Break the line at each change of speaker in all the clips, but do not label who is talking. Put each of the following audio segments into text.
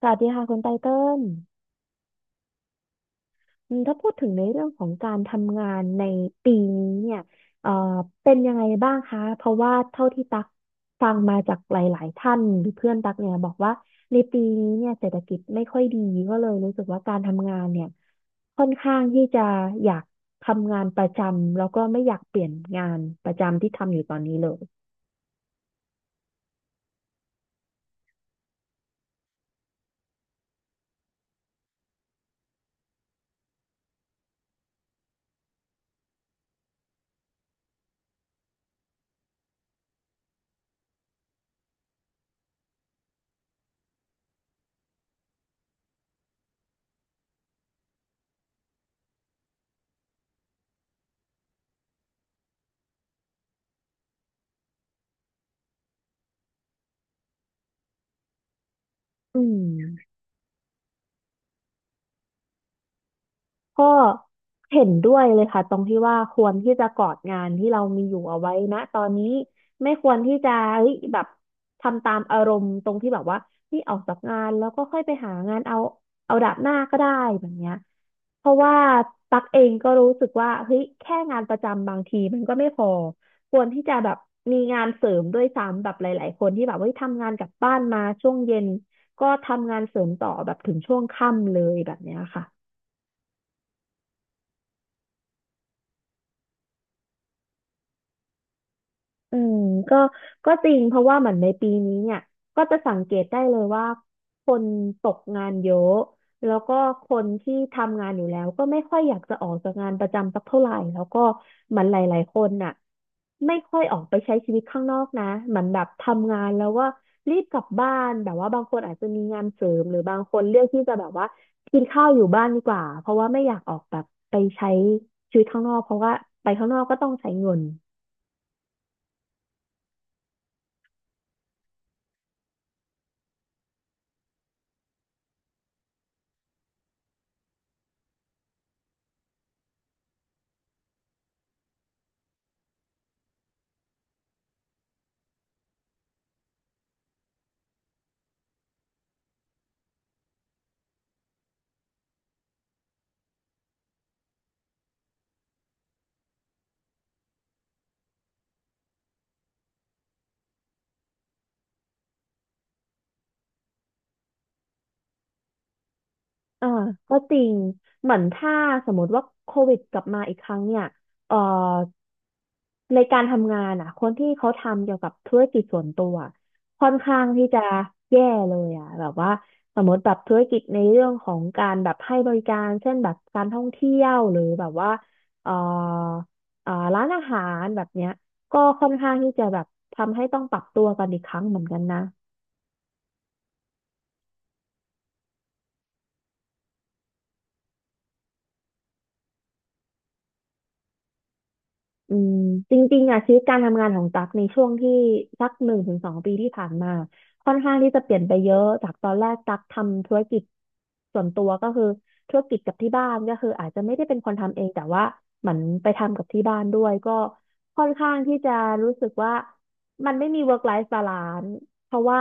สวัสดีค่ะคุณไตเติ้ลอืมถ้าพูดถึงในเรื่องของการทำงานในปีนี้เนี่ยเอ่อเป็นยังไงบ้างคะเพราะว่าเท่าที่ตักฟังมาจากหลายๆท่านหรือเพื่อนตักเนี่ยบอกว่าในปีนี้เนี่ยเศรษฐกิจไม่ค่อยดีก็เลยรู้สึกว่าการทำงานเนี่ยค่อนข้างที่จะอยากทำงานประจำแล้วก็ไม่อยากเปลี่ยนงานประจำที่ทำอยู่ตอนนี้เลยอืม ก็เห็นด้วยเลยค่ะตรงที่ว่าควรที่จะกอดงานที่เรามีอยู่เอาไว้นะตอนนี้ไม่ควรที่จะเฮ้ยแบบทำตามอารมณ์ตรงที่แบบว่านี่ออกจากงานแล้วก็ค่อยไปหางานเอาเอาดาบหน้าก็ได้แบบเนี้ยเพราะว่าตักเองก็รู้สึกว่าเฮ้ยแค่งานประจำบางทีมันก็ไม่พอควรที่จะแบบมีงานเสริมด้วยซ้ำแบบหลายๆคนที่แบบเฮ้ยทำงานกลับบ้านมาช่วงเย็นก็ทำงานเสริมต่อแบบถึงช่วงค่ำเลยแบบเนี้ยค่ะ อืมก็ก็จริงเพราะว่าเหมือนในปีนี้เนี่ยก็จะสังเกตได้เลยว่าคนตกงานเยอะแล้วก็คนที่ทำงานอยู่แล้วก็ไม่ค่อยอยากจะออกจากงานประจำสักเท่าไหร่แล้วก็เหมือนหลายๆคนน่ะไม่ค่อยออกไปใช้ชีวิตข้างนอกนะเหมือนแบบทำงานแล้วว่ารีบกลับบ้านแบบว่าบางคนอาจจะมีงานเสริมหรือบางคนเลือกที่จะแบบว่ากินข้าวอยู่บ้านดีกว่าเพราะว่าไม่อยากออกแบบไปใช้ชีวิตข้างนอกเพราะว่าไปข้างนอกก็ต้องใช้เงิน อ่าก็จริงเหมือนถ้าสมมติว่าโควิดกลับมาอีกครั้งเนี่ยเอ่อในการทำงานอ่ะคนที่เขาทำเกี่ยวกับธุรกิจส่วนตัวค่อนข้างที่จะแย่เลยอ่ะแบบว่าสมมติแบบธุรกิจในเรื่องของการแบบให้บริการเช่นแบบการท่องเที่ยวหรือแบบว่าเอ่อร้านอาหารแบบเนี้ยก็ค่อนข้างที่จะแบบทำให้ต้องปรับตัวกันอีกครั้งเหมือนกันนะ อืมจริงๆอ่ะชีวิตการทำงานของตั๊กในช่วงที่สัก1-2 ปีที่ผ่านมาค่อนข้างที่จะเปลี่ยนไปเยอะจากตอนแรกตั๊กทำธุรกิจส่วนตัวก็คือธุรกิจกับที่บ้านก็คืออาจจะไม่ได้เป็นคนทำเองแต่ว่าเหมือนไปทำกับที่บ้านด้วยก็ค่อนข้างที่จะรู้สึกว่ามันไม่มี work life balance เพราะว่า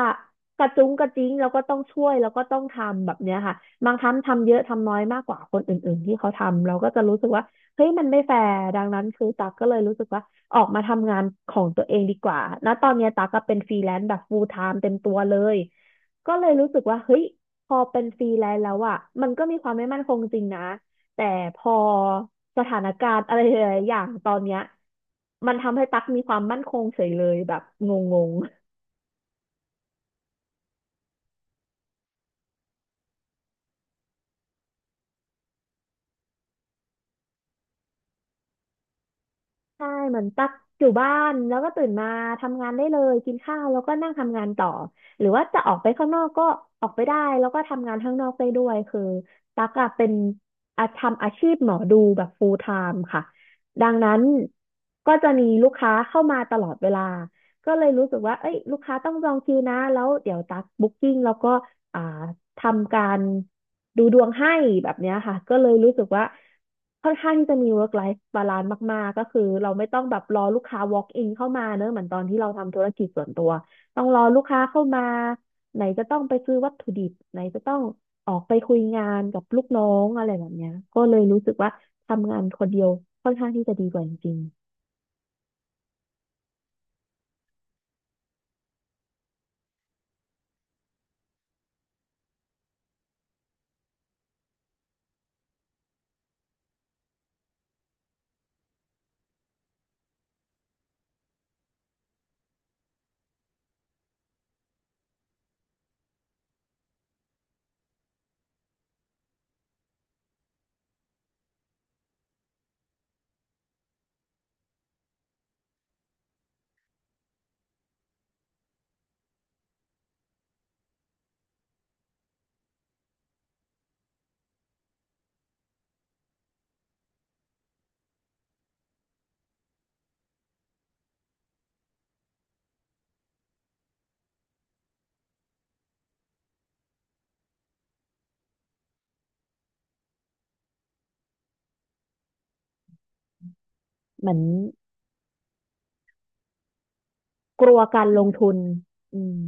กระจุ้งกระจิ้งแล้วก็ต้องช่วยแล้วก็ต้องทำแบบเนี้ยค่ะบางครั้งทำเยอะทำน้อยมากกว่าคนอื่นๆที่เขาทำเราก็จะรู้สึกว่า เฮ้ยมันไม่แฟร์ดังนั้นคือตั๊กก็เลยรู้สึกว่าออกมาทำงานของตัวเองดีกว่าณตอนเนี้ยตั๊กก็เป็นฟรีแลนซ์แบบ full time เต็มตัวเลยก็เลยรู้สึกว่าเฮ้ยพอเป็นฟรีแลนซ์แล้วอ่ะมันก็มีความไม่มั่นคงจริงนะแต่พอสถานการณ์อะไรหลายๆอย่างตอนเนี้ยมันทำให้ตั๊กมีความมั่นคงเฉยเลยแบบงง ใช่เหมือนตักอยู่บ้านแล้วก็ตื่นมาทำงานได้เลยกินข้าวแล้วก็นั่งทำงานต่อหรือว่าจะออกไปข้างนอกก็ออกไปได้แล้วก็ทำงานข้างนอกได้ด้วยคือตักอะเป็นอาทำอาชีพหมอดูแบบ full time ค่ะดังนั้นก็จะมีลูกค้าเข้ามาตลอดเวลาก็เลยรู้สึกว่าเอ้ยลูกค้าต้องจองคิวนะแล้วเดี๋ยวตักบุ๊กกิ้งแล้วก็อ่าทำการดูดวงให้แบบเนี้ยค่ะก็เลยรู้สึกว่า ค่อนข้างที่จะมี work life balance มากๆก็คือเราไม่ต้องแบบรอลูกค้า walk in เข้ามาเนอะเหมือนตอนที่เราทำธุรกิจส่วนตัวต้องรอลูกค้าเข้ามาไหนจะต้องไปซื้อวัตถุดิบไหนจะต้องออกไปคุยงานกับลูกน้องอะไรแบบเนี้ยก็เลยรู้สึกว่าทำงานคนเดียวค่อนข้างที่จะดีกว่าจริงๆเหมือนกลัวการลงทุนอืม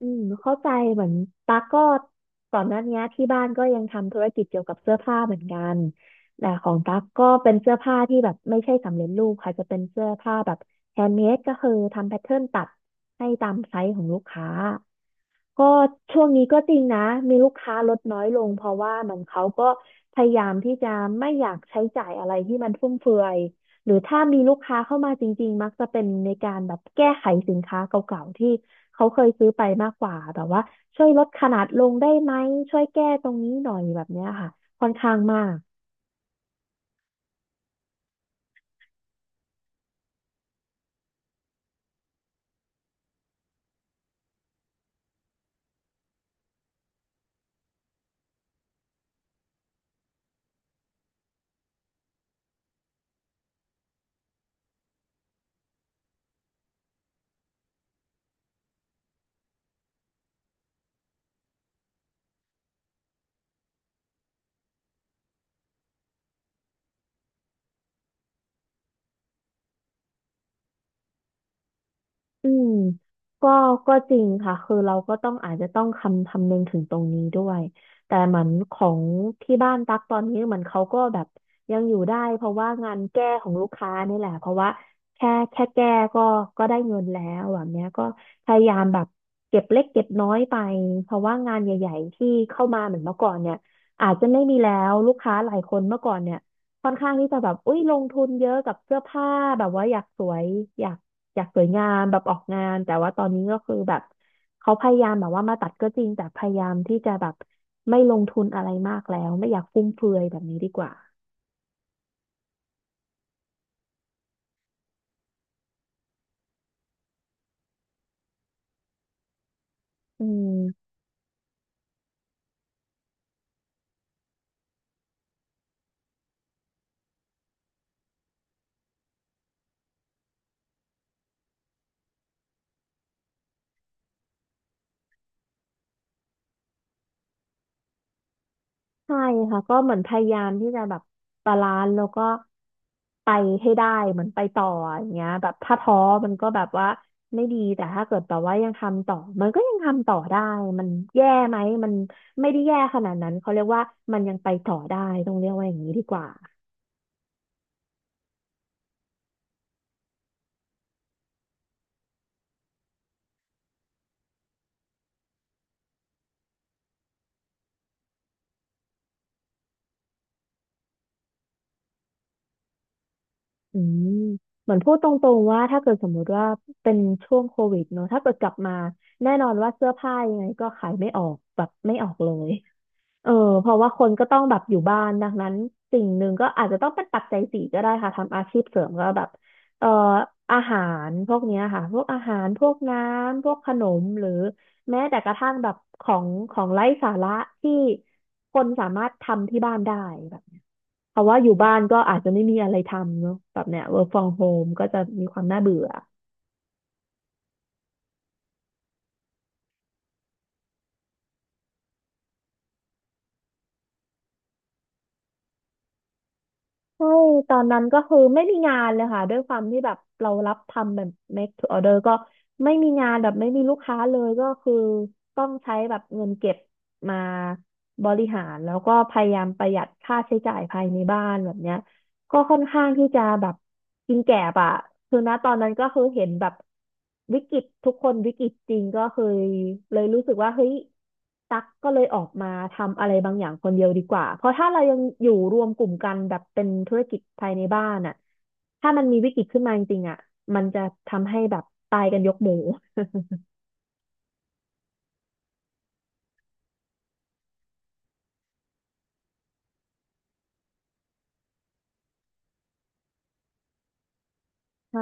อืมเข้าใจเหมือนตั๊กก็ก่อนหน้านี้ที่บ้านก็ยังทำธุรกิจเกี่ยวกับเสื้อผ้าเหมือนกันแต่ของตั๊กก็เป็นเสื้อผ้าที่แบบไม่ใช่สำเร็จรูปค่ะจะเป็นเสื้อผ้าแบบแฮนด์เมดก็คือทำแพทเทิร์นตัดให้ตามไซส์ของลูกค้าก็ช่วงนี้ก็จริงนะมีลูกค้าลดน้อยลงเพราะว่าเหมือนเขาก็พยายามที่จะไม่อยากใช้จ่ายอะไรที่มันฟุ่มเฟือย หรือถ้ามีลูกค้าเข้ามาจริงๆ มักจะเป็นในการแบบแก้ไขสินค้าเก่าๆ ที่เขาเคยซื้อไปมากกว่าแบบว่าช่วยลดขนาดลงได้ไหมช่วยแก้ตรงนี้หน่อยแบบเนี้ยค่ะค่อนข้างมาก อืมก็ก็จริงค่ะคือเราก็ต้องอาจจะต้องคำนึงถึงตรงนี้ด้วยแต่เหมือนของที่บ้านตักตอนนี้เหมือนเขาก็แบบยังอยู่ได้เพราะว่างานแก้ของลูกค้านี่แหละเพราะว่าแค่แก้ก็ก็ได้เงินแล้วแบบเนี้ยก็พยายามแบบเก็บเล็กเก็บน้อยไปเพราะว่างานใหญ่ๆที่เข้ามาเหมือนเมื่อก่อนเนี่ยอาจจะไม่มีแล้วลูกค้าหลายคนเมื่อก่อนเนี่ยค่อนข้างที่จะแบบอุ้ยลงทุนเยอะกับเสื้อผ้าแบบว่าอยากสวยอยาก อยากสวยงามแบบออกงานแต่ว่าตอนนี้ก็คือแบบเขาพยายามแบบว่ามาตัดก็จริงแต่พยายามที่จะแบบไม่ลงทุนอะไรมากแล้วไม่อยากฟุ่มเฟือยแบบนี้ดีกว่าอืมใช่ค่ะก็เหมือนพยายามที่จะแบบบาลานซ์แล้วก็ไปให้ได้เหมือนไปต่ออย่างเงี้ยแบบถ้าท้อมันก็แบบว่าไม่ดีแต่ถ้าเกิดแบบว่ายังทำต่อมันก็ยังทำต่อได้มันแย่ไหมมันไม่ได้แย่ขนาดนั้นเขาเรียกว่ามันยังไปต่อได้ต้องเรียกว่าอย่างนี้ดีกว่า อืมเหมือนพูดตรงๆว่าถ้าเกิดสมมุติว่าเป็นช่วงโควิดเนอะถ้าเกิดกลับมาแน่นอนว่าเสื้อผ้ายังไงก็ขายไม่ออกแบบไม่ออกเลยเออเพราะว่าคนก็ต้องแบบอยู่บ้านดังนั้นสิ่งหนึ่งก็อาจจะต้องเป็นปัจจัยสี่ก็ได้ค่ะทำอาชีพเสริมก็แบบเอ่ออาหารพวกเนี้ยค่ะพวกอาหารพวกน้ำพวกขนมหรือแม้แต่กระทั่งแบบของไร้สาระที่คนสามารถทำที่บ้านได้แบบ เพราะว่าอยู่บ้านก็อาจจะไม่มีอะไรทำเนอะแบบเนี้ย work from home ก็จะมีความน่าเบื่อใช่ตอนนั้นก็คือไม่มีงานเลยค่ะด้วยความที่แบบเรารับทำแบบ make to order ก็ไม่มีงานแบบไม่มีลูกค้าเลยก็คือต้องใช้แบบเงินเก็บมาบริหารแล้วก็พยายามประหยัดค่าใช้จ่ายภายในบ้านแบบเนี้ย ก็ค่อนข้างที่จะแบบกินแก่บอะคือณตอนนั้นก็คือเห็นแบบวิกฤตทุกคนวิกฤตจริงก็คือเลยรู้สึกว่าเฮ้ยตักก็เลยออกมาทำอะไรบางอย่างคนเดียวดีกว่าเพราะถ้าเรายังอยู่รวมกลุ่มกันแบบเป็นธุรกิจภายในบ้านอะถ้ามันมีวิกฤตขึ้นมาจริงๆอะมันจะทำให้แบบตายกันยกหมู่ ใช่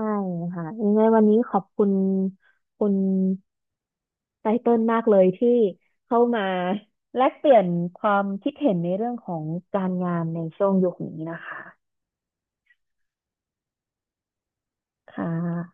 ค่ะยังไงวันนี้ขอบคุณคุณไตเติ้ลมากเลยที่เข้ามาแลกเปลี่ยนความคิดเห็นในเรื่องของการงานในช่วงยุคนี้นะคะค่ะ